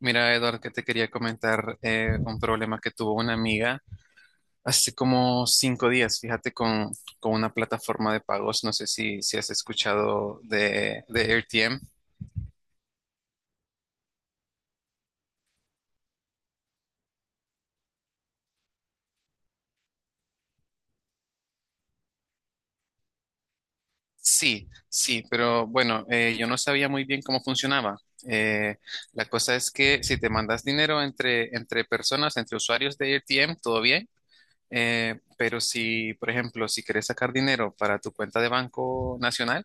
Mira, Eduardo, que te quería comentar un problema que tuvo una amiga hace como cinco días, fíjate, con una plataforma de pagos. No sé si has escuchado de AirTM. Sí, sí, pero bueno, yo no sabía muy bien cómo funcionaba. Eh, la cosa es que si te mandas dinero entre personas, entre usuarios de AirTM, todo bien. Pero si, por ejemplo, si quieres sacar dinero para tu cuenta de Banco Nacional,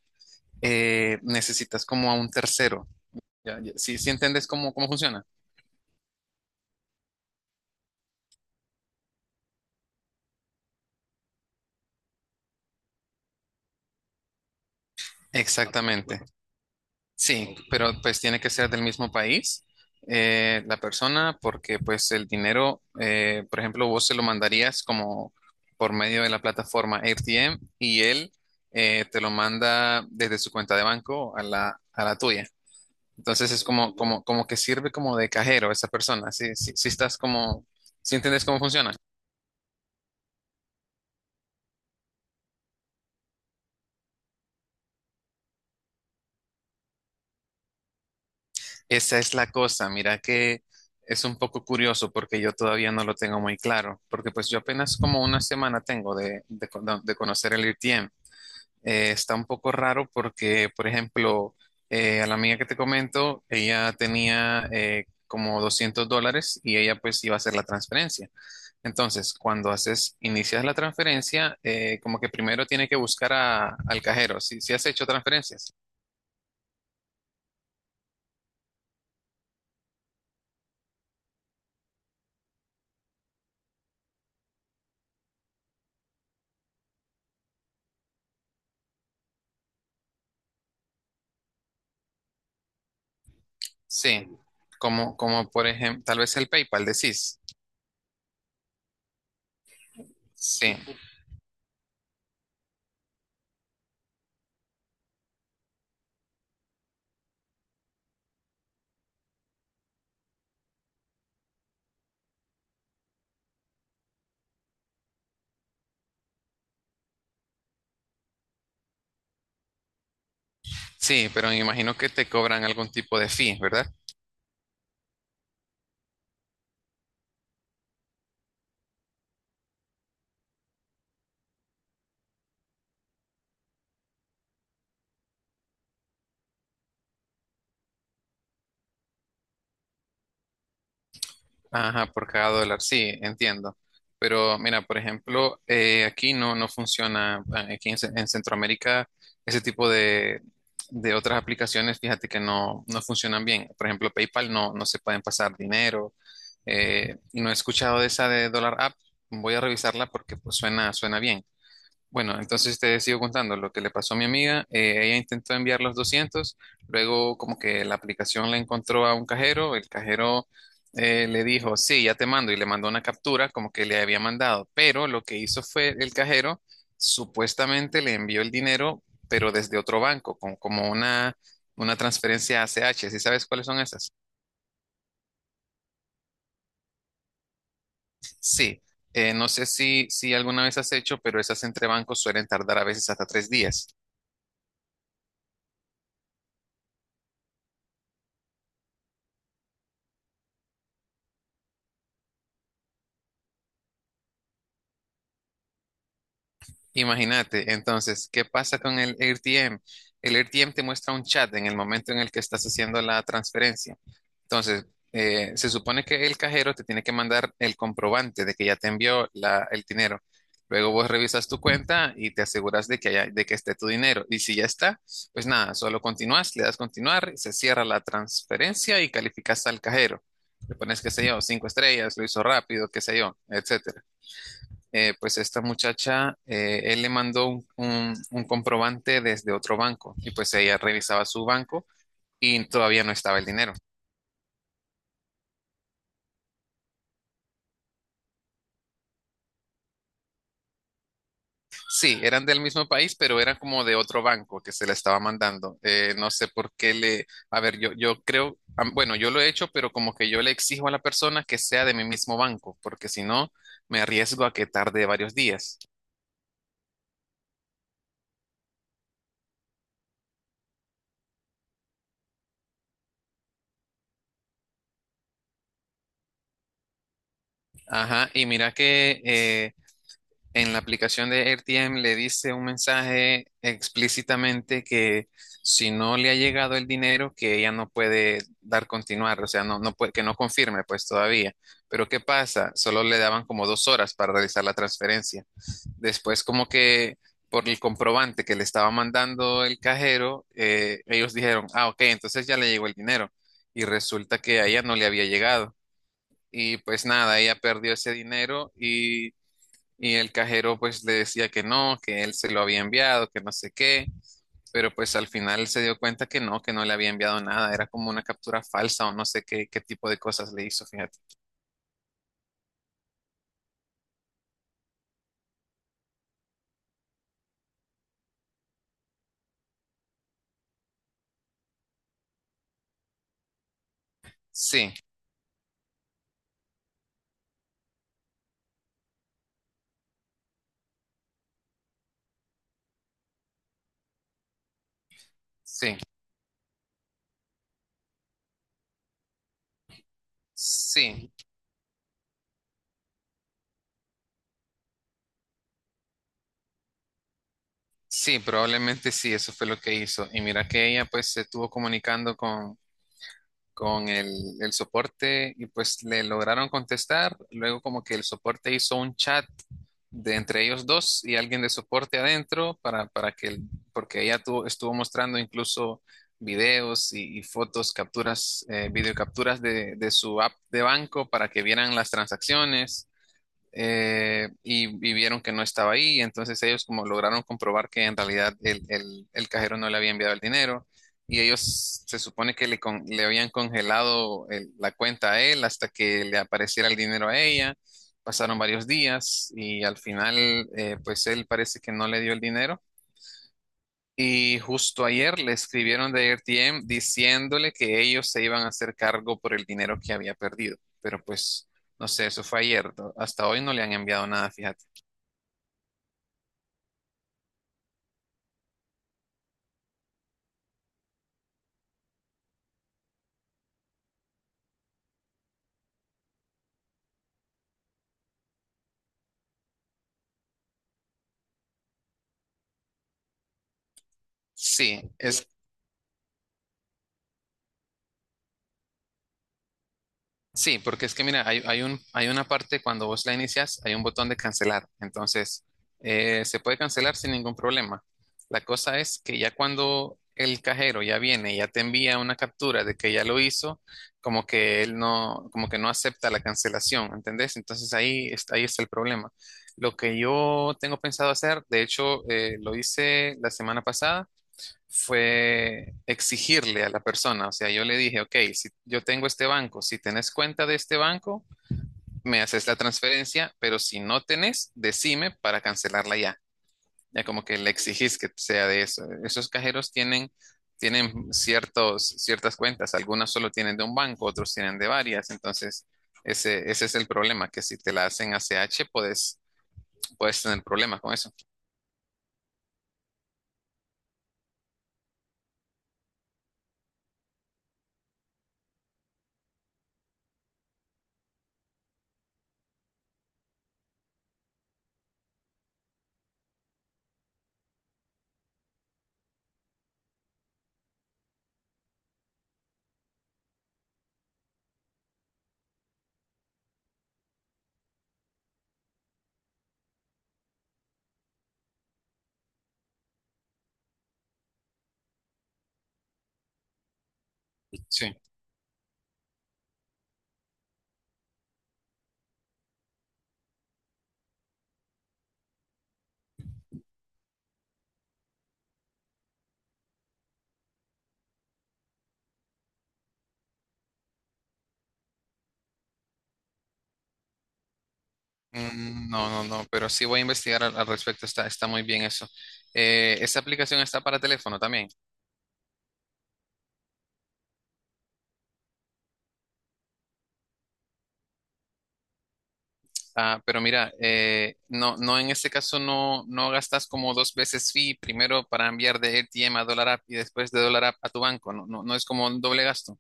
necesitas como a un tercero. Ya, ya. Sí, sí entiendes cómo funciona. Exactamente. Sí, pero pues tiene que ser del mismo país la persona porque pues el dinero, por ejemplo, vos se lo mandarías como por medio de la plataforma AirTM y él te lo manda desde su cuenta de banco a a la tuya. Entonces es como, como, como que sirve como de cajero esa persona. Sí, sí, sí estás como, si entiendes cómo funciona. Esa es la cosa, mira que es un poco curioso porque yo todavía no lo tengo muy claro, porque pues yo apenas como una semana tengo de de conocer el RTM. Está un poco raro porque, por ejemplo, a la amiga que te comento, ella tenía como $200 y ella pues iba a hacer la transferencia. Entonces, cuando haces, inicias la transferencia, como que primero tiene que buscar al cajero. Si, si has hecho transferencias. Sí. Como, como por ejemplo, tal vez el PayPal, decís. Sí, sí, pero me imagino que te cobran algún tipo de fee, ¿verdad? Ajá, por cada dólar, sí, entiendo. Pero mira, por ejemplo, aquí no, no funciona, aquí en, en Centroamérica, ese tipo de otras aplicaciones, fíjate que no, no funcionan bien. Por ejemplo, PayPal no, no se pueden pasar dinero. Eh, y no he escuchado de esa de Dollar App, voy a revisarla porque pues, suena, suena bien. Bueno, entonces te sigo contando lo que le pasó a mi amiga. Eh, ella intentó enviar los 200, luego como que la aplicación la encontró a un cajero, el cajero le dijo, sí, ya te mando y le mandó una captura como que le había mandado, pero lo que hizo fue el cajero supuestamente le envió el dinero, pero desde otro banco, con, como una transferencia ACH. ¿Sí sabes cuáles son esas? Sí, no sé si alguna vez has hecho, pero esas entre bancos suelen tardar a veces hasta 3 días. Imagínate, entonces, ¿qué pasa con el AirTM? El AirTM te muestra un chat en el momento en el que estás haciendo la transferencia. Entonces, se supone que el cajero te tiene que mandar el comprobante de que ya te envió el dinero. Luego vos revisas tu cuenta y te aseguras de que de que esté tu dinero. Y si ya está, pues nada, solo continúas, le das continuar, se cierra la transferencia y calificas al cajero. Le pones, qué sé yo, 5 estrellas, lo hizo rápido, qué sé yo, etc. Eh, pues esta muchacha, él le mandó un, un comprobante desde otro banco y pues ella revisaba su banco y todavía no estaba el dinero. Sí, eran del mismo país, pero eran como de otro banco que se le estaba mandando. No sé por qué le... A ver, yo creo, bueno, yo lo he hecho, pero como que yo le exijo a la persona que sea de mi mismo banco, porque si no, me arriesgo a que tarde varios días. Ajá, y mira que en la aplicación de AirTM le dice un mensaje explícitamente que si no le ha llegado el dinero, que ella no puede dar continuar, o sea, no, no puede, que no confirme pues todavía. Pero ¿qué pasa? Solo le daban como 2 horas para realizar la transferencia. Después como que por el comprobante que le estaba mandando el cajero, ellos dijeron, ah, ok, entonces ya le llegó el dinero. Y resulta que a ella no le había llegado. Y pues nada, ella perdió ese dinero y el cajero pues le decía que no, que él se lo había enviado, que no sé qué, pero pues al final se dio cuenta que no le había enviado nada, era como una captura falsa o no sé qué, qué tipo de cosas le hizo, fíjate. Sí, sí, sí, sí, probablemente sí, eso fue lo que hizo. Y mira que ella pues se estuvo comunicando con el soporte y pues le lograron contestar. Luego como que el soporte hizo un chat de entre ellos dos y alguien de soporte adentro para que, porque ella estuvo mostrando incluso videos y fotos, capturas, videocapturas de su app de banco para que vieran las transacciones y vieron que no estaba ahí, entonces ellos como lograron comprobar que en realidad el, el cajero no le había enviado el dinero y ellos se supone que le, le habían congelado la cuenta a él hasta que le apareciera el dinero a ella. Pasaron varios días y al final pues él parece que no le dio el dinero y justo ayer le escribieron de ARTM diciéndole que ellos se iban a hacer cargo por el dinero que había perdido. Pero pues, no sé, eso fue ayer, ¿no? Hasta hoy no le han enviado nada, fíjate. Sí, es... Sí, porque es que mira, hay un, hay una parte cuando vos la inicias, hay un botón de cancelar. Entonces, se puede cancelar sin ningún problema. La cosa es que ya cuando el cajero ya viene, y ya te envía una captura de que ya lo hizo, como que él no, como que no acepta la cancelación, ¿entendés? Entonces ahí está el problema. Lo que yo tengo pensado hacer, de hecho, lo hice la semana pasada fue exigirle a la persona, o sea, yo le dije, ok, si yo tengo este banco, si tenés cuenta de este banco, me haces la transferencia, pero si no tenés, decime para cancelarla ya. Ya como que le exigís que sea de eso. Esos cajeros tienen, tienen ciertos, ciertas cuentas, algunas solo tienen de un banco, otros tienen de varias, entonces ese es el problema, que si te la hacen ACH, puedes, puedes tener problemas con eso. Sí. Mm, no, no, no, pero sí voy a investigar al respecto, está, está muy bien eso. Esa aplicación está para teléfono también. Ah, pero mira, no, no, en este caso no, no gastas como dos veces fee, primero para enviar de ATM a Dollar App y después de Dollar App a tu banco, no, no, no es como un doble gasto.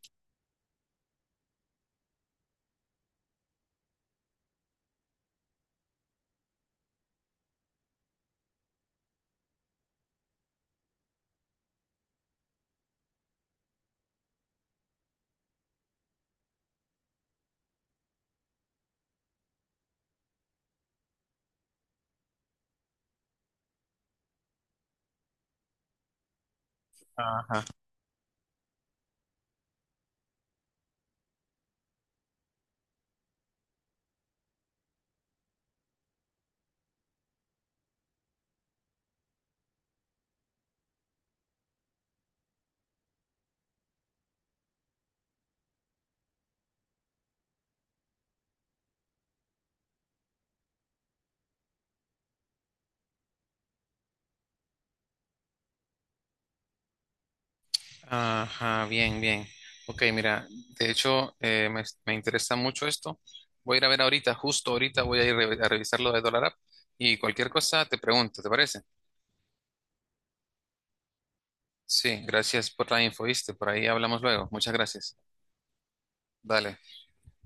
Ajá, ajá, bien, bien. Ok, mira, de hecho, me, me interesa mucho esto. Voy a ir a ver ahorita, justo ahorita voy a ir a revisar lo de Dollar App y cualquier cosa te pregunto, ¿te parece? Sí, gracias por la info, ¿viste? Por ahí hablamos luego. Muchas gracias. Dale.